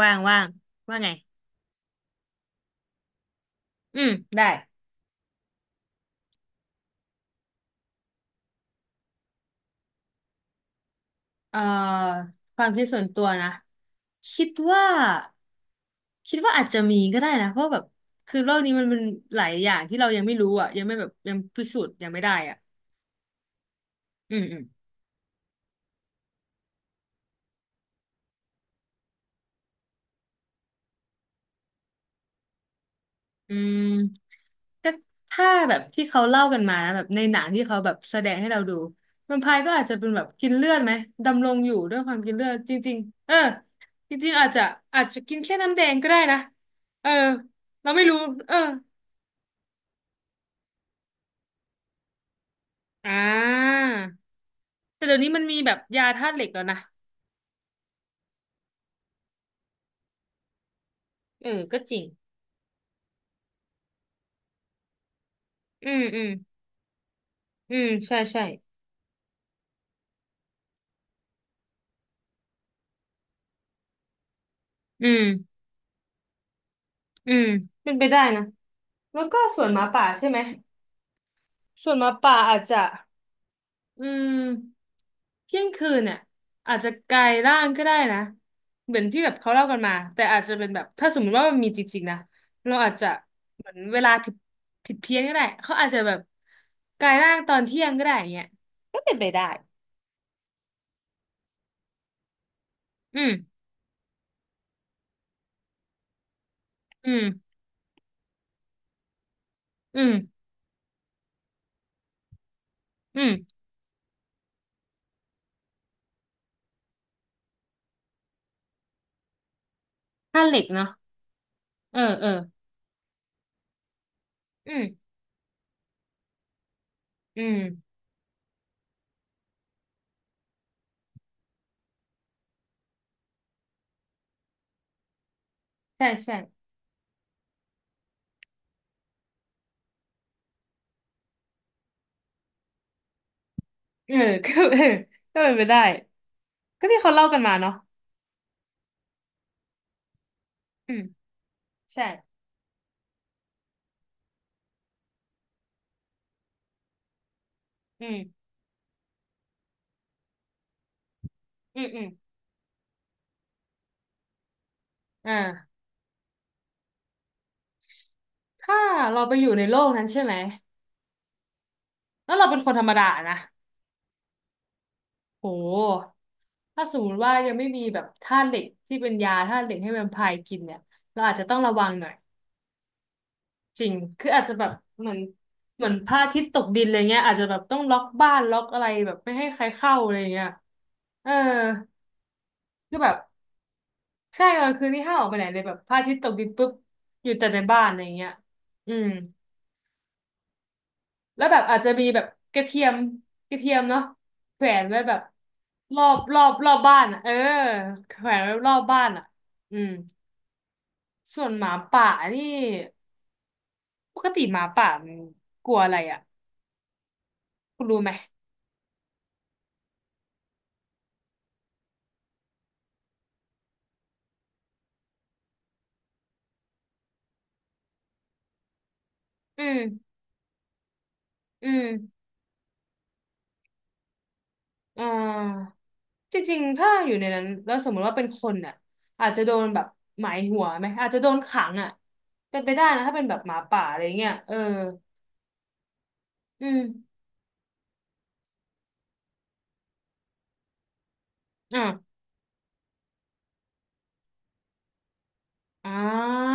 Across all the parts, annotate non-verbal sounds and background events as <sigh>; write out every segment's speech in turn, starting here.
ว่างว่างว่าไงอืมได้เอ่อความคิดส่วนตัวนะคิดว่าคิดว่าอาจจะมีก็ได้นะเพราะแบบคือโลกนี้มันเป็นหลายอย่างที่เรายังไม่รู้อ่ะยังไม่แบบยังพิสูจน์ยังไม่ได้อ่ะอืมอืมอืมก็ถ้าแบบที่เขาเล่ากันมานะแบบในหนังที่เขาแบบแสดงให้เราดูแวมไพร์ก็อาจจะเป็นแบบกินเลือดไหมดำรงอยู่ด้วยความกินเลือดจริงๆเออจริงๆอาจจะกินแค่น้ำแดงก็ได้นะเออเราไม่รู้เออ อ่าแต่เดี๋ยวนี้มันมีแบบยาธาตุเหล็กแล้วนะเออก็จริงอืมอืมอืมใช่ใช่อืม อืมเป็นไปได้นะแล้วก็ส่วนหมาป่าใช่ไหมส่วนหมาป่าอาจจะอืมเที่ยงคืนเนี่ยอาจจะกลายร่างก็ได้นะเหมือนที่แบบเขาเล่ากันมาแต่อาจจะเป็นแบบถ้าสมมติว่ามันมีจริงๆนะเราอาจจะเหมือนเวลาผิดเพี้ยนก็ได้เขาอาจจะแบบกลายร่างตอนเที่ยงก็ได้อย่างเงี้ยก็เป็นไปได้อืมอืมอืม อืมผ้าเหล็กเนาะเออเอออืมอืมใช่ใช่เออ <laughs> ก็เออก็เป็นไปได้ก็ที่เขาเล่ากันมาเนาะอืมใช่อืมอืมอืมอ่าถ้าเราไปอยู่ในโลกนั้นใช่ไหมแล้วเราเป็นคนธรรมดานะโหถ้าสมมติว่ายังไม่มีแบบธาตุเหล็กที่เป็นยาธาตุเหล็กให้แวมไพร์กินเนี่ยเราอาจจะต้องระวังหน่อยจริงคืออาจจะแบบเหมือนเหมือนพระอาทิตย์ตกดินอะไรเงี้ยอาจจะแบบต้องล็อกบ้านล็อกอะไรแบบไม่ให้ใครเข้าอะไรเงี้ยเออคือแบบ ใช่กลางคืนนี่ห้ามออกไปไหนเลยแบบพระอาทิตย์ตกดินปุ๊บอยู่แต่ในบ้านอะไรอย่างเงี้ยอืมแล้วแบบอาจจะมีแบบกระเทียมกระเทียมเนาะแขวนไว้แบบรอบรอบรอบบ้านอ่ะเออแขวนไว้รอบบ้านอ่ะอืมส่วนหมาป่านี่ปกติหมาป่ามันกลัวอะไรอ่ะคุณรู้ไหมอืมอืม อ่าจริงๆถ้าอยู่ในนั้นแล้วสมมติว่าเป็นคนอ่ะอาจจะโดนแบบหมายหัวไหมอาจจะโดนขังอ่ะเป็นไปได้นะถ้าเป็นแบบหมาป่าอะไรเงี้ยเอออืมอ่าอ่า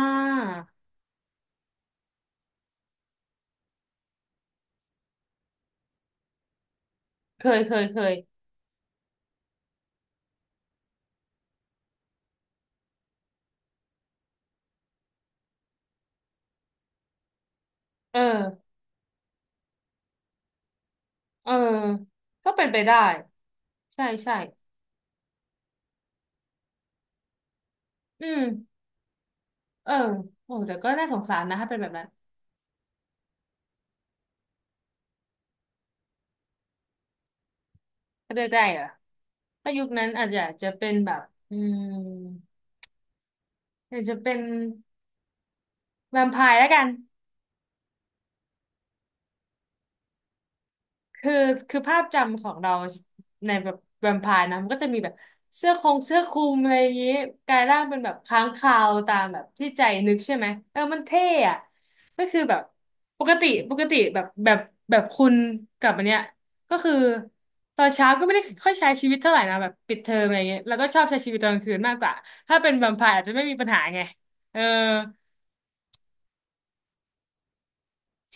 เคยเคยเคยเออเออก็เป็นไปได้ใช่ใช่อืมเออโอ้แต่ก็น่าสงสารนะถ้าเป็นแบบนั้นถ้าเลือกได้เหรอถ้ายุคนั้นอาจจะอาจจะเป็นแบบอืมอาจจะเป็นแวมไพร์แล้วกัน คือคือภาพจำของเราในแบบแวมไพร์นะมันก็จะมีแบบเสื้อคงเสื้อคลุมอะไรอย่างนี้กลายร่างเป็นแบบค้างคาวตามแบบที่ใจนึกใช่ไหมเออมันเท่อะก็คือแบบปกติแบบแบบคุณกับอันเนี้ยก็คือตอนเช้าก็ไม่ได้ค่อยใช้ชีวิตเท่าไหร่นะแบบปิดเทอมอะไรเงี้ยแล้วก็ชอบใช้ชีวิตตอนกลางคืนมากกว่าถ้าเป็นแวมไพร์อาจจะไม่มีปัญหาไงเออ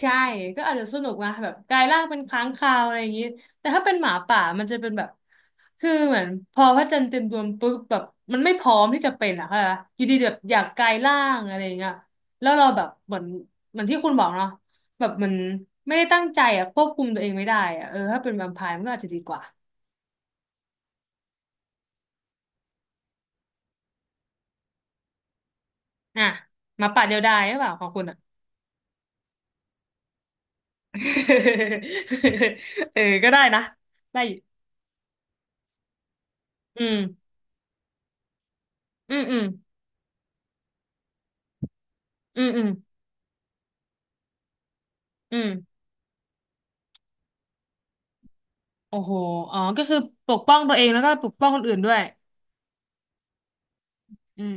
ใช่ก็อาจจะสนุกนะแบบกลายร่างเป็นค้างคาวอะไรอย่างนี้แต่ถ้าเป็นหมาป่ามันจะเป็นแบบคือเหมือนพอพระจันทร์เต็มดวงปุ๊บแบบมันไม่พร้อมที่จะเป็นอะค่ะปะอยู่ดีแบบอยากกลายร่างอะไรอย่างเงี้ยแล้วเราแบบเหมือนที่คุณบอกเนาะแบบมันไม่ได้ตั้งใจอะควบคุมตัวเองไม่ได้อะเออถ้าเป็นแวมไพร์มันก็อาจจะดีกว่าอ่ะหมาป่าเดียวดายหรือเปล่าของคุณอะ <laughs> เออก็ได้นะได้อยู่อืมอืมอืมอืมอืมอืม โอ้โหอ๋อก็คือปกป้องตัวเองแล้วก็ปกป้องคนอื่นด้วยอืม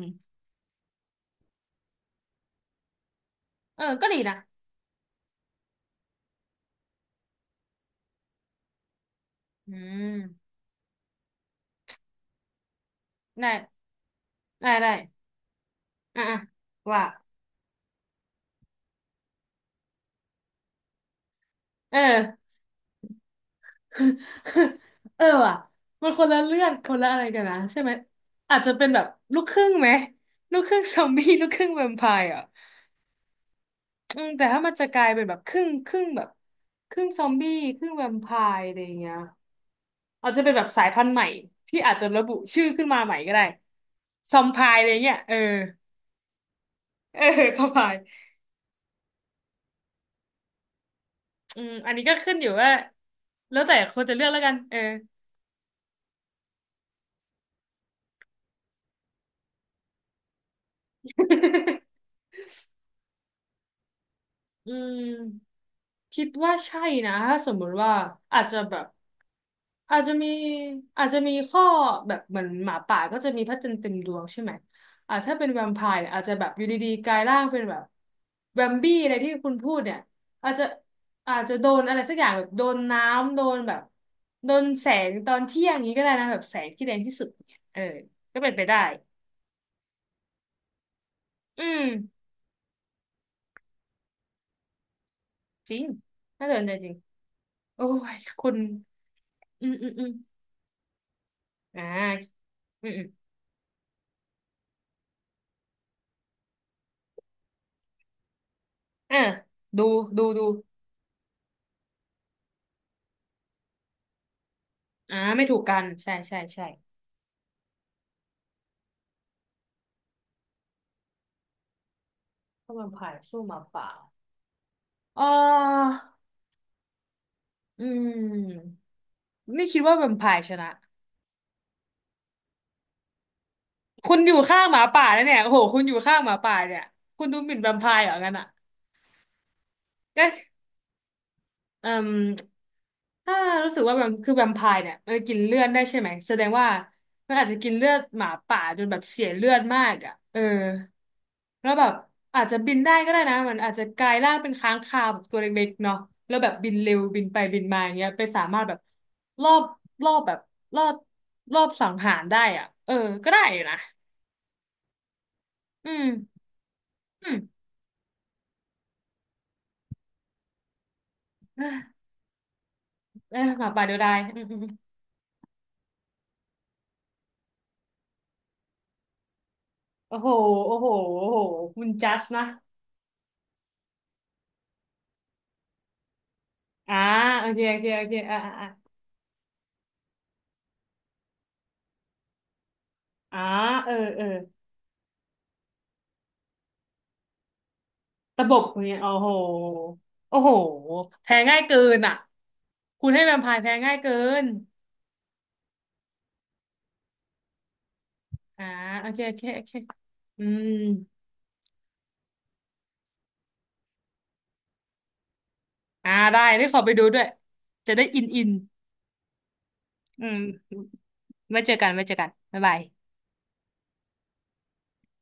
เออก็ดีนะอืมได้ได้ได้อ่ะอ่ะว่าเออ <laughs> เออว่ะมันคนละเรื่องคนละอะไรกันนะใช่ไหมอาจจะเป็นแบบลูกครึ่งไหมลูกครึ่งซอมบี้ <laughs> ลูกครึ่งแวมไพร์อ่ะอืมแต่ถ้ามันจะกลายเป็นแบบครึ่งครึ่งแบบครึ่งซอมบี้ครึ่งแวมไพร์อะไรอย่างเงี้ยอาจจะเป็นแบบสายพันธุ์ใหม่ที่อาจจะระบุชื่อขึ้นมาใหม่ก็ได้ซอมไพร์อะไรเงี้ยเออ เออ <laughs> สบายอืมอันนี้ก็ขึ้นอยู่ว่าแล้วแต่คนจะเลือกแล้วกันเออ <laughs> อืมคิดว่าใช่นะถ้าสมมุติว่าอาจจะแบบอาจจะมีอาจจะมีข้อแบบเหมือนหมาป่าก็จะมีพระจันทร์เต็มดวงใช่ไหมอ่าถ้าเป็นแวมไพร์เนี่ยอาจจะแบบอยู่ดีๆกลายร่างเป็นแบบแวมบี้อะไรที่คุณพูดเนี่ยอาจจะอาจจะโดนอะไรสักอย่างแบบโดนน้ำโดนแบบโดนแสงตอนเที่ยงอย่างนี้ก็ได้นะแบบแสงที่แรงที่สุดเนี่ยเออก็เป็นไปได้ อืมจริงน่าสนใจจริงโอ้ย <laughs> คุณอืมอืมอืมอ่าอืมอืมเออดูดูดูไม่ถูกกันใช่ใช่ใช่ถ้าแวมไพร์สู้หมาป่าเอออืมนี่คิดว่าแวมไพร์ชนะคุณอยู่ข้างหมาป่าแล้วเนี่ยโอ้โหคุณอยู่ข้างหมาป่าเนี่ยคุณดูหมิ่นแวมไพร์เหรองั้นอ่ะ <laughs> เอ่มถ้ารู้สึกว่าแบบคือแวมไพร์เนี่ยมันจะกินเลือดได้ใช่ไหมแสดงว่ามันอาจจะกินเลือดหมาป่าจนแบบเสียเลือดมากอ่ะเออแล้วแบบอาจจะบินได้ก็ได้นะมันอาจจะกลายร่างเป็นค้างคาวแบบตัวเล็กๆเนาะแล้วแบบบินเร็วบินไปบินมาอย่างเงี้ยไปสามารถแบบรอบรอบแบบรอบรอบสังหารได้อ่ะเออก็ได้อยู่นะอืมอืม <sighs> เอยหมาป่าเดียวดายอืมอืมอืมโอ้โหโอ้โหโอ้โหคุณจัสนะ อ่าโอเคโอเคโอเคอ่าอ่าอ่าอ่าเออเออตะบกเนี่ยโอ้โหโอ้โหแพ้ง่ายเกินอ่ะคุณให้แวมไพร์แพ้ง่ายเกินอ่าโอเคโอเคโอเคอืมอ่าได้ได้ขอไปดูด้วยจะได้อินอินอืมไว้เจอกันไว้เจอกันบ๊ายบาย